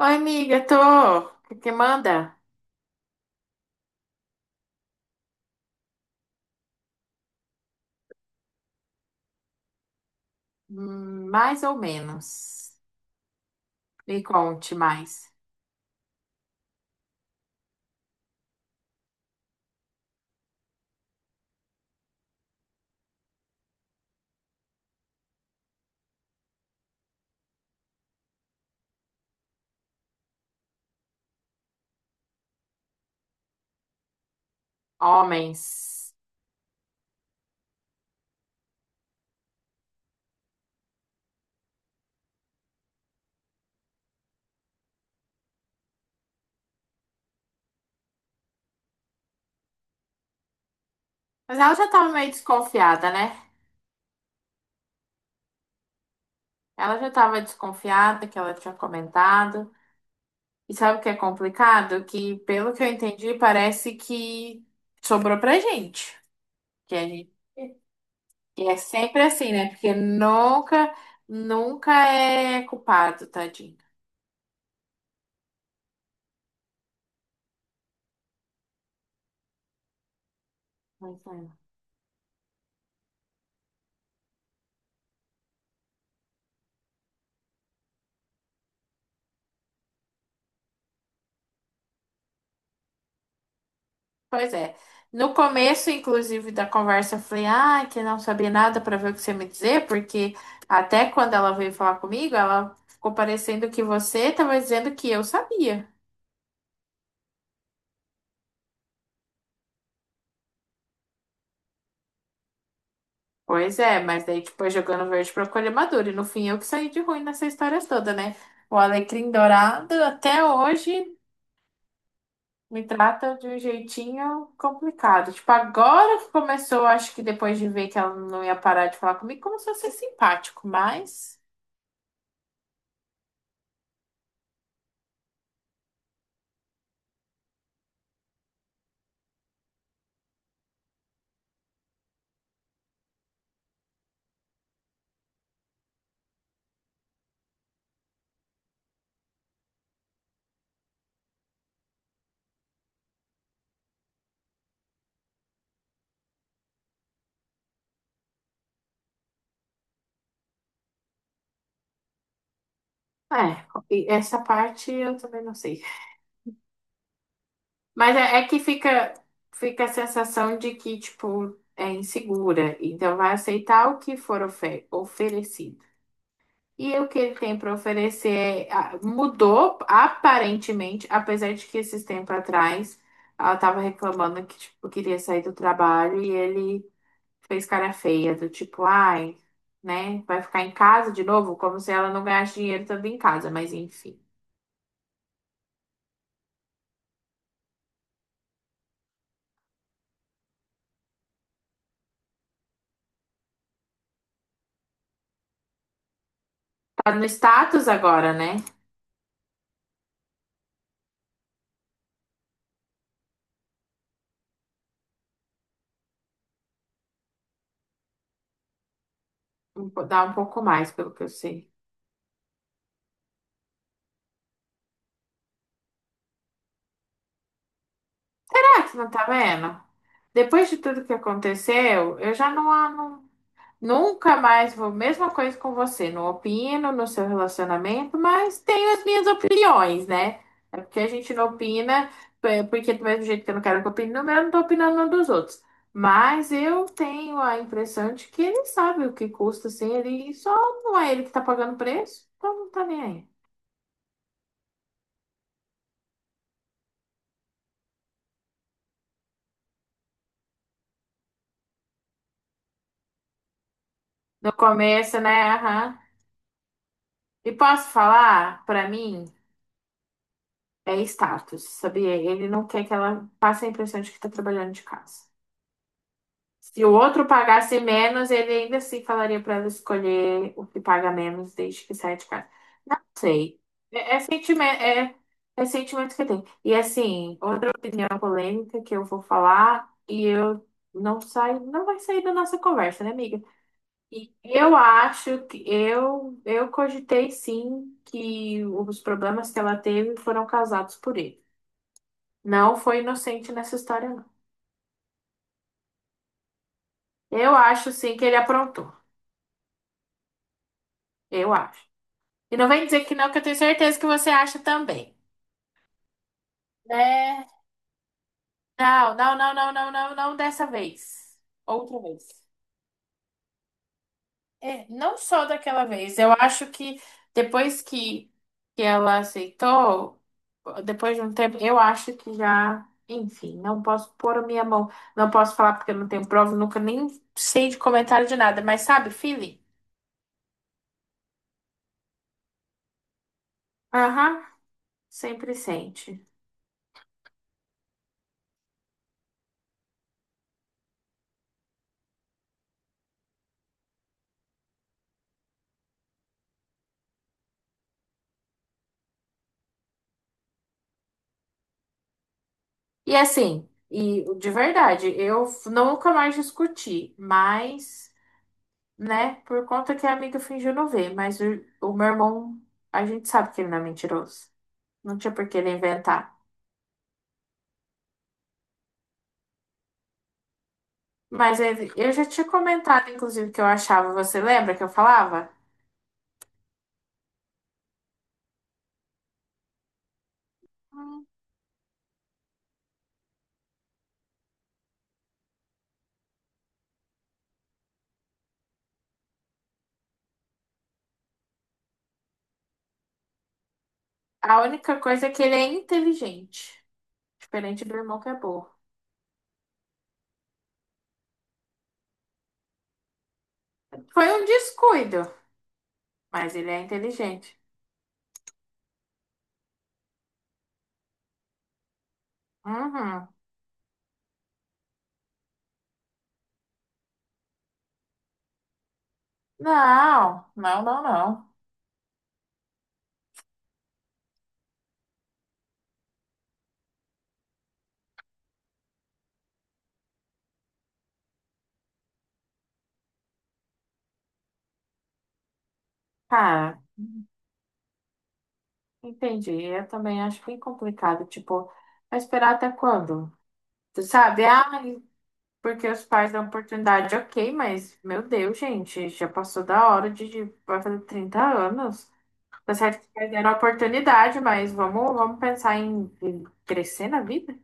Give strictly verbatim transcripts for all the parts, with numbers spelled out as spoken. Oi, amiga, tô. O que que manda? Hum, Mais ou menos. Me conte mais. Homens. Mas ela já tava meio desconfiada, né? Ela já tava desconfiada que ela tinha comentado. E sabe o que é complicado? Que, pelo que eu entendi, parece que sobrou pra gente. Que a gente. E é sempre assim, né? Porque nunca, nunca é culpado, tadinho. Pois é. Pois é. No começo, inclusive, da conversa, eu falei, ah, que não sabia nada para ver o que você me dizer, porque até quando ela veio falar comigo, ela ficou parecendo que você estava dizendo que eu sabia. Pois é, mas daí, tipo, é jogando verde para colher maduro. E no fim, eu que saí de ruim nessa história toda, né? O Alecrim Dourado, até hoje, me trata de um jeitinho complicado. Tipo, agora que começou, acho que depois de ver que ela não ia parar de falar comigo, começou a ser simpático, mas. É, e essa parte eu também não sei. Mas é, é que fica, fica a sensação de que, tipo, é insegura. Então vai aceitar o que for ofe- oferecido. E o que ele tem para oferecer é- a- mudou, aparentemente, apesar de que esses tempos atrás ela estava reclamando que, tipo, queria sair do trabalho e ele fez cara feia, do tipo, ai, né, vai ficar em casa de novo, como se ela não ganhasse dinheiro também em casa, mas enfim. Tá no status agora, né? Um po- Dá um pouco mais, pelo que eu sei. Será que você não tá vendo? Depois de tudo que aconteceu, eu já não, a- não- nunca mais vou. Mesma coisa com você. Não opino no seu relacionamento, mas tenho as minhas opiniões, né? É porque a gente não opina, é porque do mesmo jeito que eu não quero que opine no meu, eu não tô opinando no dos outros. Mas eu tenho a impressão de que ele sabe o que custa sem ele, e só não é ele que tá pagando o preço, então não tá nem aí. No começo, né? Aham. E posso falar, pra mim, é status, sabia? Ele não quer que ela passe a impressão de que tá trabalhando de casa. Se o outro pagasse menos, ele ainda assim falaria pra ela escolher o que paga menos desde que saia de casa. Não sei. É, é sentimento, é, é sentimento que tem. E assim, outra opinião polêmica que eu vou falar e eu não saio, não vai sair da nossa conversa, né, amiga? E eu acho que eu, eu cogitei sim que os problemas que ela teve foram causados por ele. Não foi inocente nessa história, não. Eu acho sim que ele aprontou. Eu acho. E não vem dizer que não, que eu tenho certeza que você acha também. Né? Não, não, não, não, não, não, não dessa vez. Outra vez. É, não só daquela vez. Eu acho que depois que, que ela aceitou, depois de um tempo, eu acho que já, enfim, não posso pôr a minha mão, não posso falar porque eu não tenho prova, nunca nem sei de comentário de nada, mas sabe, feeling? Aham, sempre sente. E assim, e de verdade, eu f- nunca mais discuti, mas, né, por conta que a amiga fingiu não ver, mas o, o meu irmão, a gente sabe que ele não é mentiroso. Não tinha por que ele inventar. Mas é- eu já tinha comentado, inclusive, que eu achava, você lembra que eu falava? A única coisa é que ele é inteligente, diferente do irmão que é burro. Foi um descuido, mas ele é inteligente. Uhum. Não, não, não, não. Cara, entendi. Eu também acho bem complicado. Tipo, vai esperar até quando? Tu sabe? Ah, porque os pais dão oportunidade, ok, mas, meu Deus, gente, já passou da hora de, de vai fazer trinta anos. Tá certo que perderam a oportunidade, mas vamos, vamos pensar em, em crescer na vida?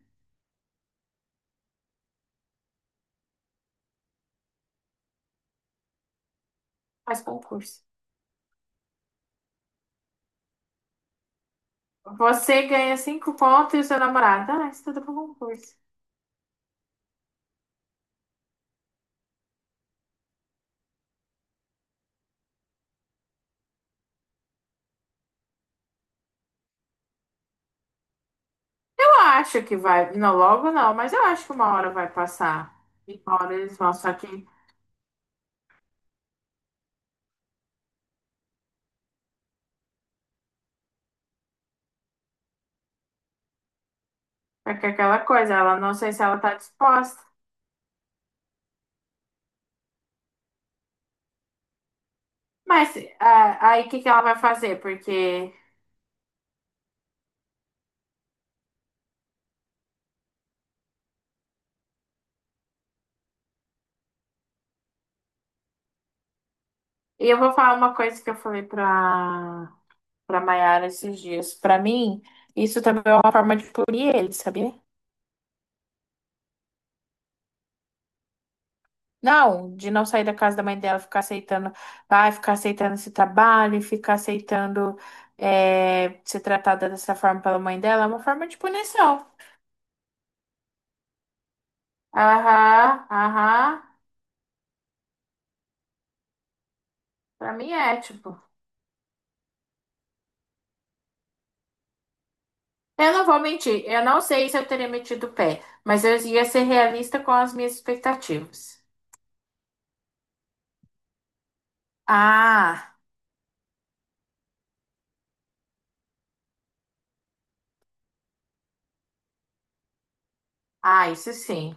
Faz concurso. Você ganha cinco pontos e o seu namorado. Ah, estuda para concurso. Eu acho que vai. Não, logo não, mas eu acho que uma hora vai passar. E uma hora eles vão. Só que é que é aquela coisa, ela não sei se ela tá disposta. Mas ah, aí o que que ela vai fazer? Porque. E eu vou falar uma coisa que eu falei pra, pra Mayara esses dias. Pra mim, isso também é uma forma de punir ele, sabia? Não, de não sair da casa da mãe dela, ficar aceitando, vai ficar aceitando esse trabalho, e ficar aceitando é, ser tratada dessa forma pela mãe dela, é uma forma de punição. Aham, aham, pra mim é, tipo. Eu não vou mentir, eu não sei se eu teria metido o pé, mas eu ia ser realista com as minhas expectativas. Ah, ah, isso sim.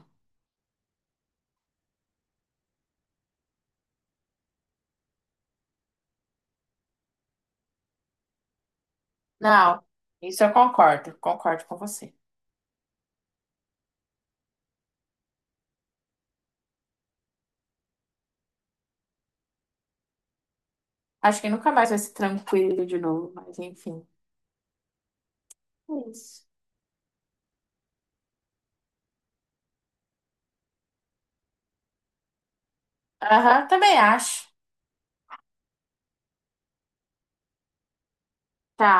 Não, isso eu concordo, concordo com você. Acho que nunca mais vai ser tranquilo de novo, mas enfim. É isso. Aham, também acho. Tá.